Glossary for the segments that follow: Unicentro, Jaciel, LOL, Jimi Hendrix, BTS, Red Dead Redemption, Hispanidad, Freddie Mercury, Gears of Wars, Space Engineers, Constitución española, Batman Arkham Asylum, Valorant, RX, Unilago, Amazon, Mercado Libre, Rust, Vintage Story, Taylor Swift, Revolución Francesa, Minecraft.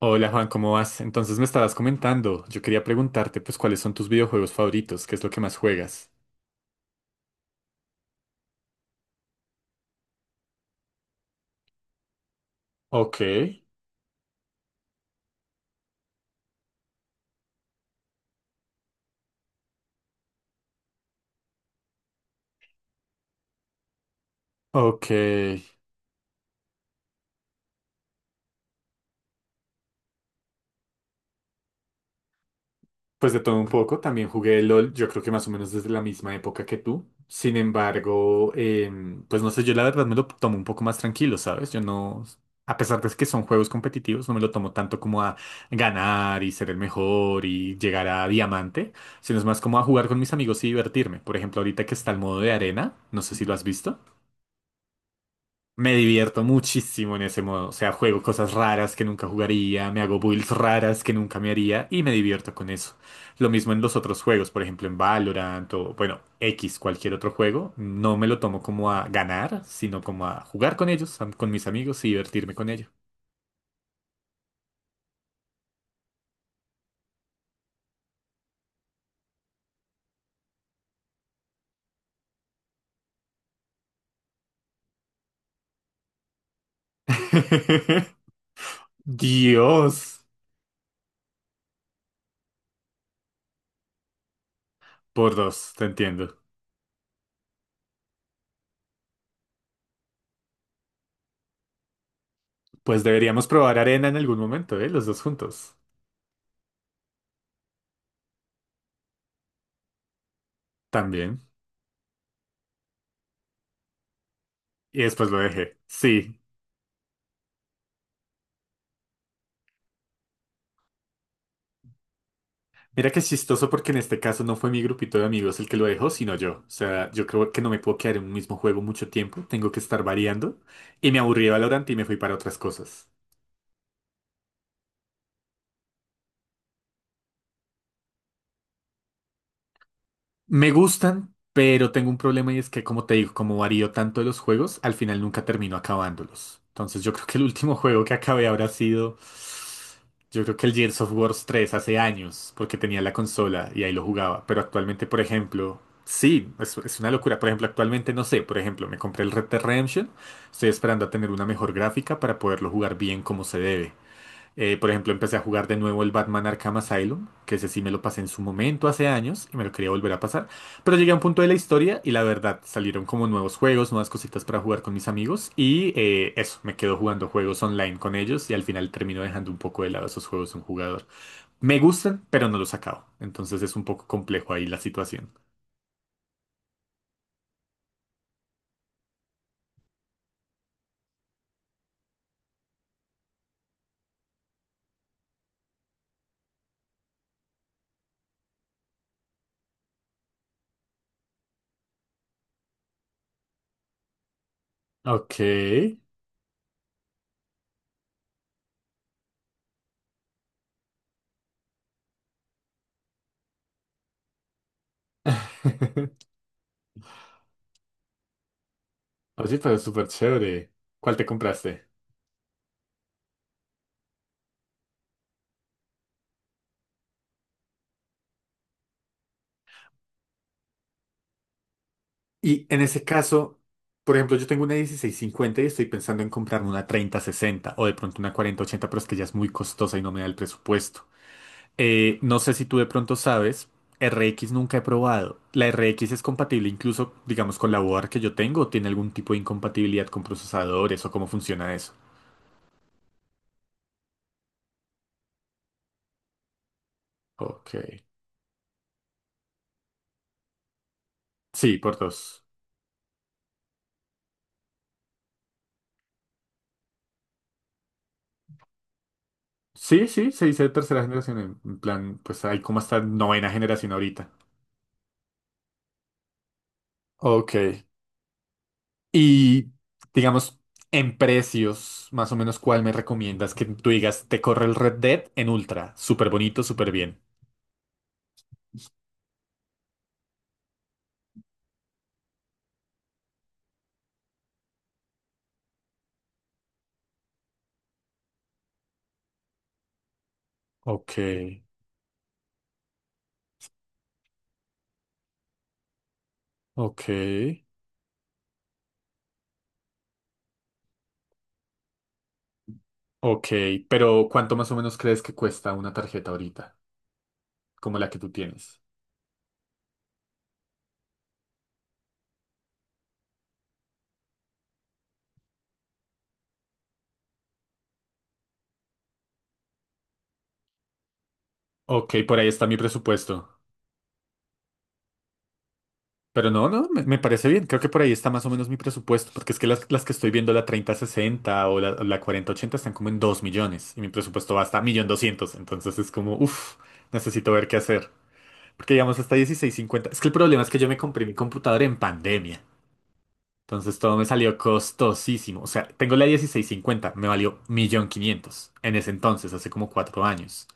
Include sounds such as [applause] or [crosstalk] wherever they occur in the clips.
Hola Juan, ¿cómo vas? Entonces me estabas comentando, yo quería preguntarte pues cuáles son tus videojuegos favoritos, qué es lo que más juegas. Ok, Ok, pues de todo un poco, también jugué LOL, yo creo que más o menos desde la misma época que tú. Sin embargo, pues no sé, yo la verdad me lo tomo un poco más tranquilo, ¿sabes? Yo no, a pesar de que son juegos competitivos, no me lo tomo tanto como a ganar y ser el mejor y llegar a diamante, sino es más como a jugar con mis amigos y divertirme. Por ejemplo, ahorita que está el modo de arena, no sé si lo has visto. Me divierto muchísimo en ese modo. O sea, juego cosas raras que nunca jugaría, me hago builds raras que nunca me haría y me divierto con eso. Lo mismo en los otros juegos, por ejemplo en Valorant o, bueno, X, cualquier otro juego. No me lo tomo como a ganar, sino como a jugar con ellos, con mis amigos y divertirme con ellos. [laughs] Dios, por dos, te entiendo. Pues deberíamos probar arena en algún momento, ¿eh? Los dos juntos. También. Y después lo dejé. Sí. Mira que es chistoso porque en este caso no fue mi grupito de amigos el que lo dejó, sino yo. O sea, yo creo que no me puedo quedar en un mismo juego mucho tiempo, tengo que estar variando. Y me aburrí de Valorant y me fui para otras cosas. Me gustan, pero tengo un problema y es que, como te digo, como varío tanto de los juegos, al final nunca termino acabándolos. Entonces yo creo que el último [laughs] juego que acabé habrá sido, yo creo que el Gears of Wars 3 hace años, porque tenía la consola y ahí lo jugaba. Pero actualmente, por ejemplo, sí, es una locura. Por ejemplo, actualmente no sé, por ejemplo, me compré el Red Dead Redemption, estoy esperando a tener una mejor gráfica para poderlo jugar bien como se debe. Por ejemplo, empecé a jugar de nuevo el Batman Arkham Asylum, que ese sí me lo pasé en su momento hace años y me lo quería volver a pasar. Pero llegué a un punto de la historia y la verdad salieron como nuevos juegos, nuevas cositas para jugar con mis amigos y eso, me quedo jugando juegos online con ellos y al final termino dejando un poco de lado esos juegos de un jugador. Me gustan, pero no los acabo. Entonces es un poco complejo ahí la situación. Ok. [laughs] Oye, pero súper chévere. ¿Cuál te compraste? Y en ese caso, por ejemplo, yo tengo una 1650 y estoy pensando en comprarme una 3060 o de pronto una 4080, pero es que ya es muy costosa y no me da el presupuesto. No sé si tú de pronto sabes, RX nunca he probado. ¿La RX es compatible incluso, digamos, con la board que yo tengo o tiene algún tipo de incompatibilidad con procesadores o cómo funciona eso? Ok. Sí, por dos. Sí, sí, se dice de tercera generación. En plan, pues hay como hasta novena generación ahorita. Ok. Y digamos, en precios, más o menos, ¿cuál me recomiendas que tú digas, te corre el Red Dead en Ultra? Súper bonito, súper bien. Ok, ok, ok. Pero ¿cuánto más o menos crees que cuesta una tarjeta ahorita, como la que tú tienes? Ok, por ahí está mi presupuesto. Pero no, no, me parece bien. Creo que por ahí está más o menos mi presupuesto, porque es que las que estoy viendo, la 30 sesenta o la 4080 están como en 2 millones y mi presupuesto va hasta 1.200.000. Entonces es como, uff, necesito ver qué hacer. Porque digamos hasta 1650. Es que el problema es que yo me compré mi computadora en pandemia. Entonces todo me salió costosísimo. O sea, tengo la 1650, me valió 1.500.000 en ese entonces, hace como 4 años.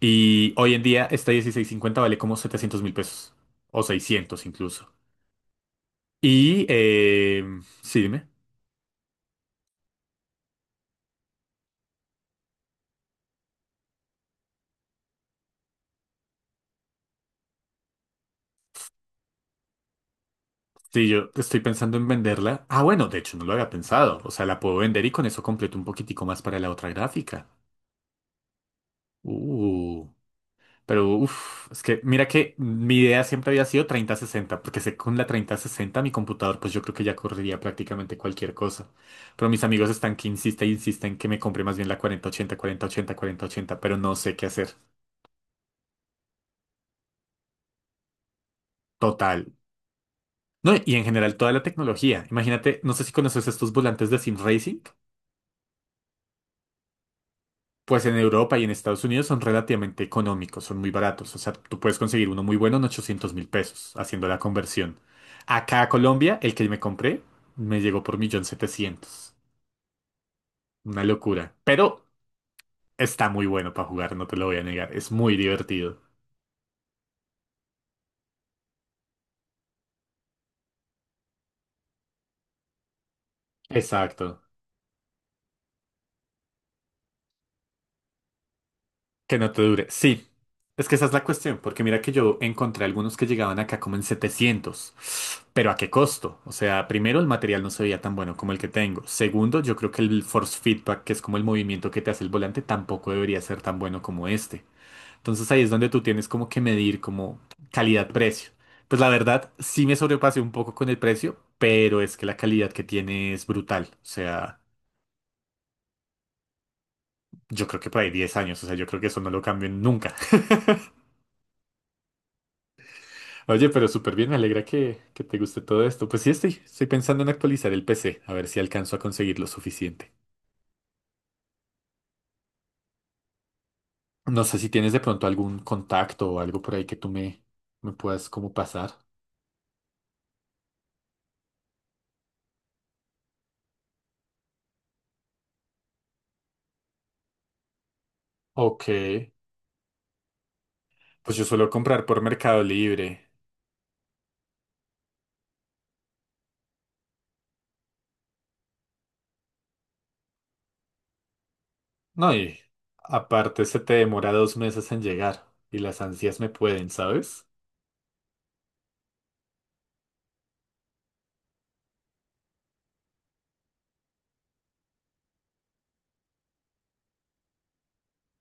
Y hoy en día esta 1650 vale como 700.000 pesos o 600 incluso. Y, sí, dime. Sí, yo estoy pensando en venderla. Ah, bueno, de hecho no lo había pensado. O sea, la puedo vender y con eso completo un poquitico más para la otra gráfica. Uh, pero uff, es que mira que mi idea siempre había sido 3060, porque sé que con la 3060 mi computador, pues yo creo que ya correría prácticamente cualquier cosa. Pero mis amigos están que insisten, insisten que me compre más bien la 4080 4080 4080, pero no sé qué hacer. Total. No, y en general toda la tecnología. Imagínate, no sé si conoces estos volantes de Sim Racing. Pues en Europa y en Estados Unidos son relativamente económicos, son muy baratos. O sea, tú puedes conseguir uno muy bueno en 800.000 pesos haciendo la conversión. Acá a Colombia, el que me compré me llegó por 1.700.000, una locura. Pero está muy bueno para jugar, no te lo voy a negar. Es muy divertido. Exacto. Que no te dure. Sí, es que esa es la cuestión, porque mira que yo encontré algunos que llegaban acá como en setecientos, pero ¿a qué costo? O sea, primero el material no se veía tan bueno como el que tengo. Segundo, yo creo que el force feedback, que es como el movimiento que te hace el volante, tampoco debería ser tan bueno como este. Entonces ahí es donde tú tienes como que medir como calidad-precio. Pues la verdad, sí me sobrepasé un poco con el precio, pero es que la calidad que tiene es brutal. O sea, yo creo que por ahí 10 años, o sea, yo creo que eso no lo cambio nunca. [laughs] Oye, pero súper bien, me alegra que te guste todo esto. Pues sí, estoy pensando en actualizar el PC, a ver si alcanzo a conseguir lo suficiente. No sé si tienes de pronto algún contacto o algo por ahí que tú me puedas como pasar. Ok, pues yo suelo comprar por Mercado Libre. No, y aparte se te demora 2 meses en llegar y las ansias me pueden, ¿sabes?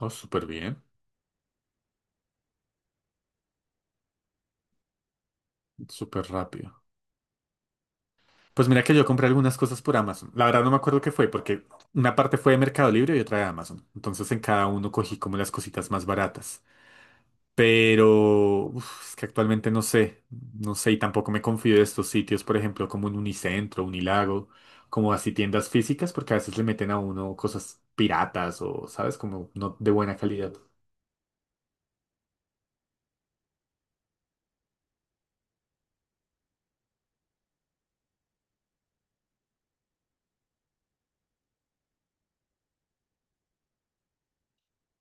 Oh, súper bien, súper rápido. Pues mira que yo compré algunas cosas por Amazon. La verdad no me acuerdo qué fue, porque una parte fue de Mercado Libre y otra de Amazon. Entonces en cada uno cogí como las cositas más baratas. Pero uf, es que actualmente no sé, no sé, y tampoco me confío de estos sitios, por ejemplo, como un Unicentro, Unilago, como así tiendas físicas, porque a veces le meten a uno cosas piratas o, ¿sabes? Como no de buena calidad.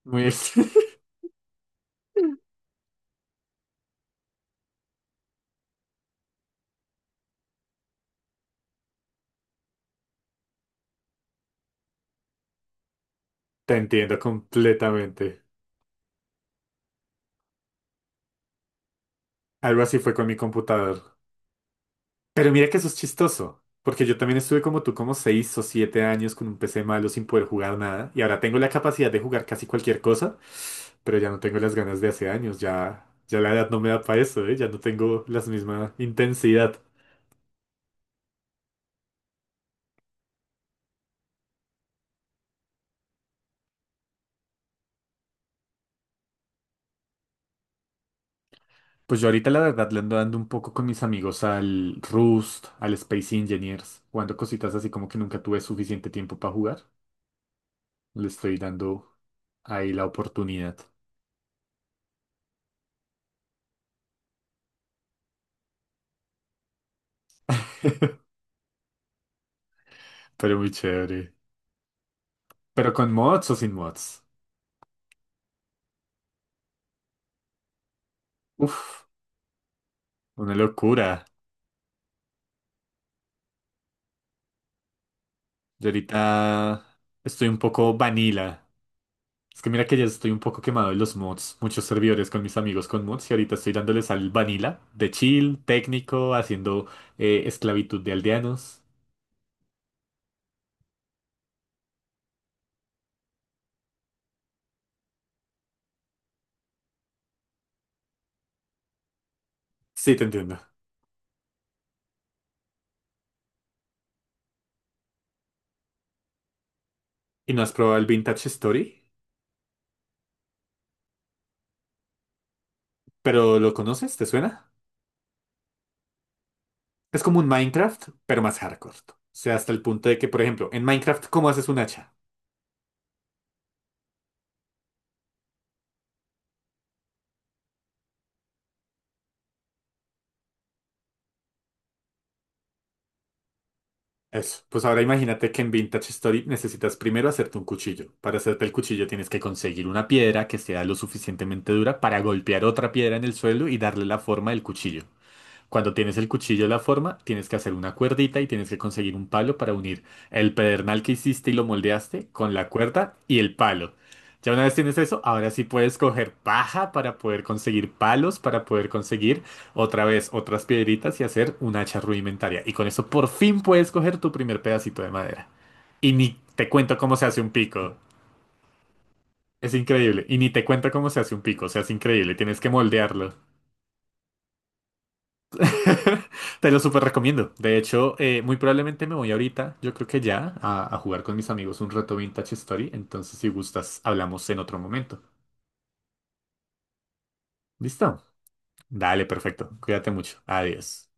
Muy ex- [laughs] Te entiendo completamente. Algo así fue con mi computador. Pero mira que eso es chistoso, porque yo también estuve como tú, como 6 o 7 años con un PC malo sin poder jugar nada, y ahora tengo la capacidad de jugar casi cualquier cosa, pero ya no tengo las ganas de hace años, ya, ya la edad no me da para eso, ¿eh? Ya no tengo la misma intensidad. Pues yo ahorita la verdad le ando dando un poco con mis amigos al Rust, al Space Engineers, jugando cositas así como que nunca tuve suficiente tiempo para jugar. Le estoy dando ahí la oportunidad. Pero muy chévere. Pero con mods o sin mods. Uf. Una locura. Yo ahorita estoy un poco vanilla. Es que mira que ya estoy un poco quemado de los mods. Muchos servidores con mis amigos con mods y ahorita estoy dándoles al vanilla de chill, técnico, haciendo esclavitud de aldeanos. Sí, te entiendo. ¿Y no has probado el Vintage Story? ¿Pero lo conoces? ¿Te suena? Es como un Minecraft, pero más hardcore. O sea, hasta el punto de que, por ejemplo, en Minecraft, ¿cómo haces un hacha? Eso. Pues ahora imagínate que en Vintage Story necesitas primero hacerte un cuchillo. Para hacerte el cuchillo tienes que conseguir una piedra que sea lo suficientemente dura para golpear otra piedra en el suelo y darle la forma del cuchillo. Cuando tienes el cuchillo de la forma, tienes que hacer una cuerdita y tienes que conseguir un palo para unir el pedernal que hiciste y lo moldeaste con la cuerda y el palo. Ya una vez tienes eso, ahora sí puedes coger paja para poder conseguir palos, para poder conseguir otra vez otras piedritas y hacer un hacha rudimentaria. Y con eso por fin puedes coger tu primer pedacito de madera. Y ni te cuento cómo se hace un pico. Es increíble. Y ni te cuento cómo se hace un pico. O sea, es increíble. Tienes que moldearlo. [laughs] Te lo súper recomiendo. De hecho, muy probablemente me voy ahorita, yo creo que ya, a jugar con mis amigos un rato Vintage Story. Entonces, si gustas, hablamos en otro momento. ¿Listo? Dale, perfecto. Cuídate mucho. Adiós.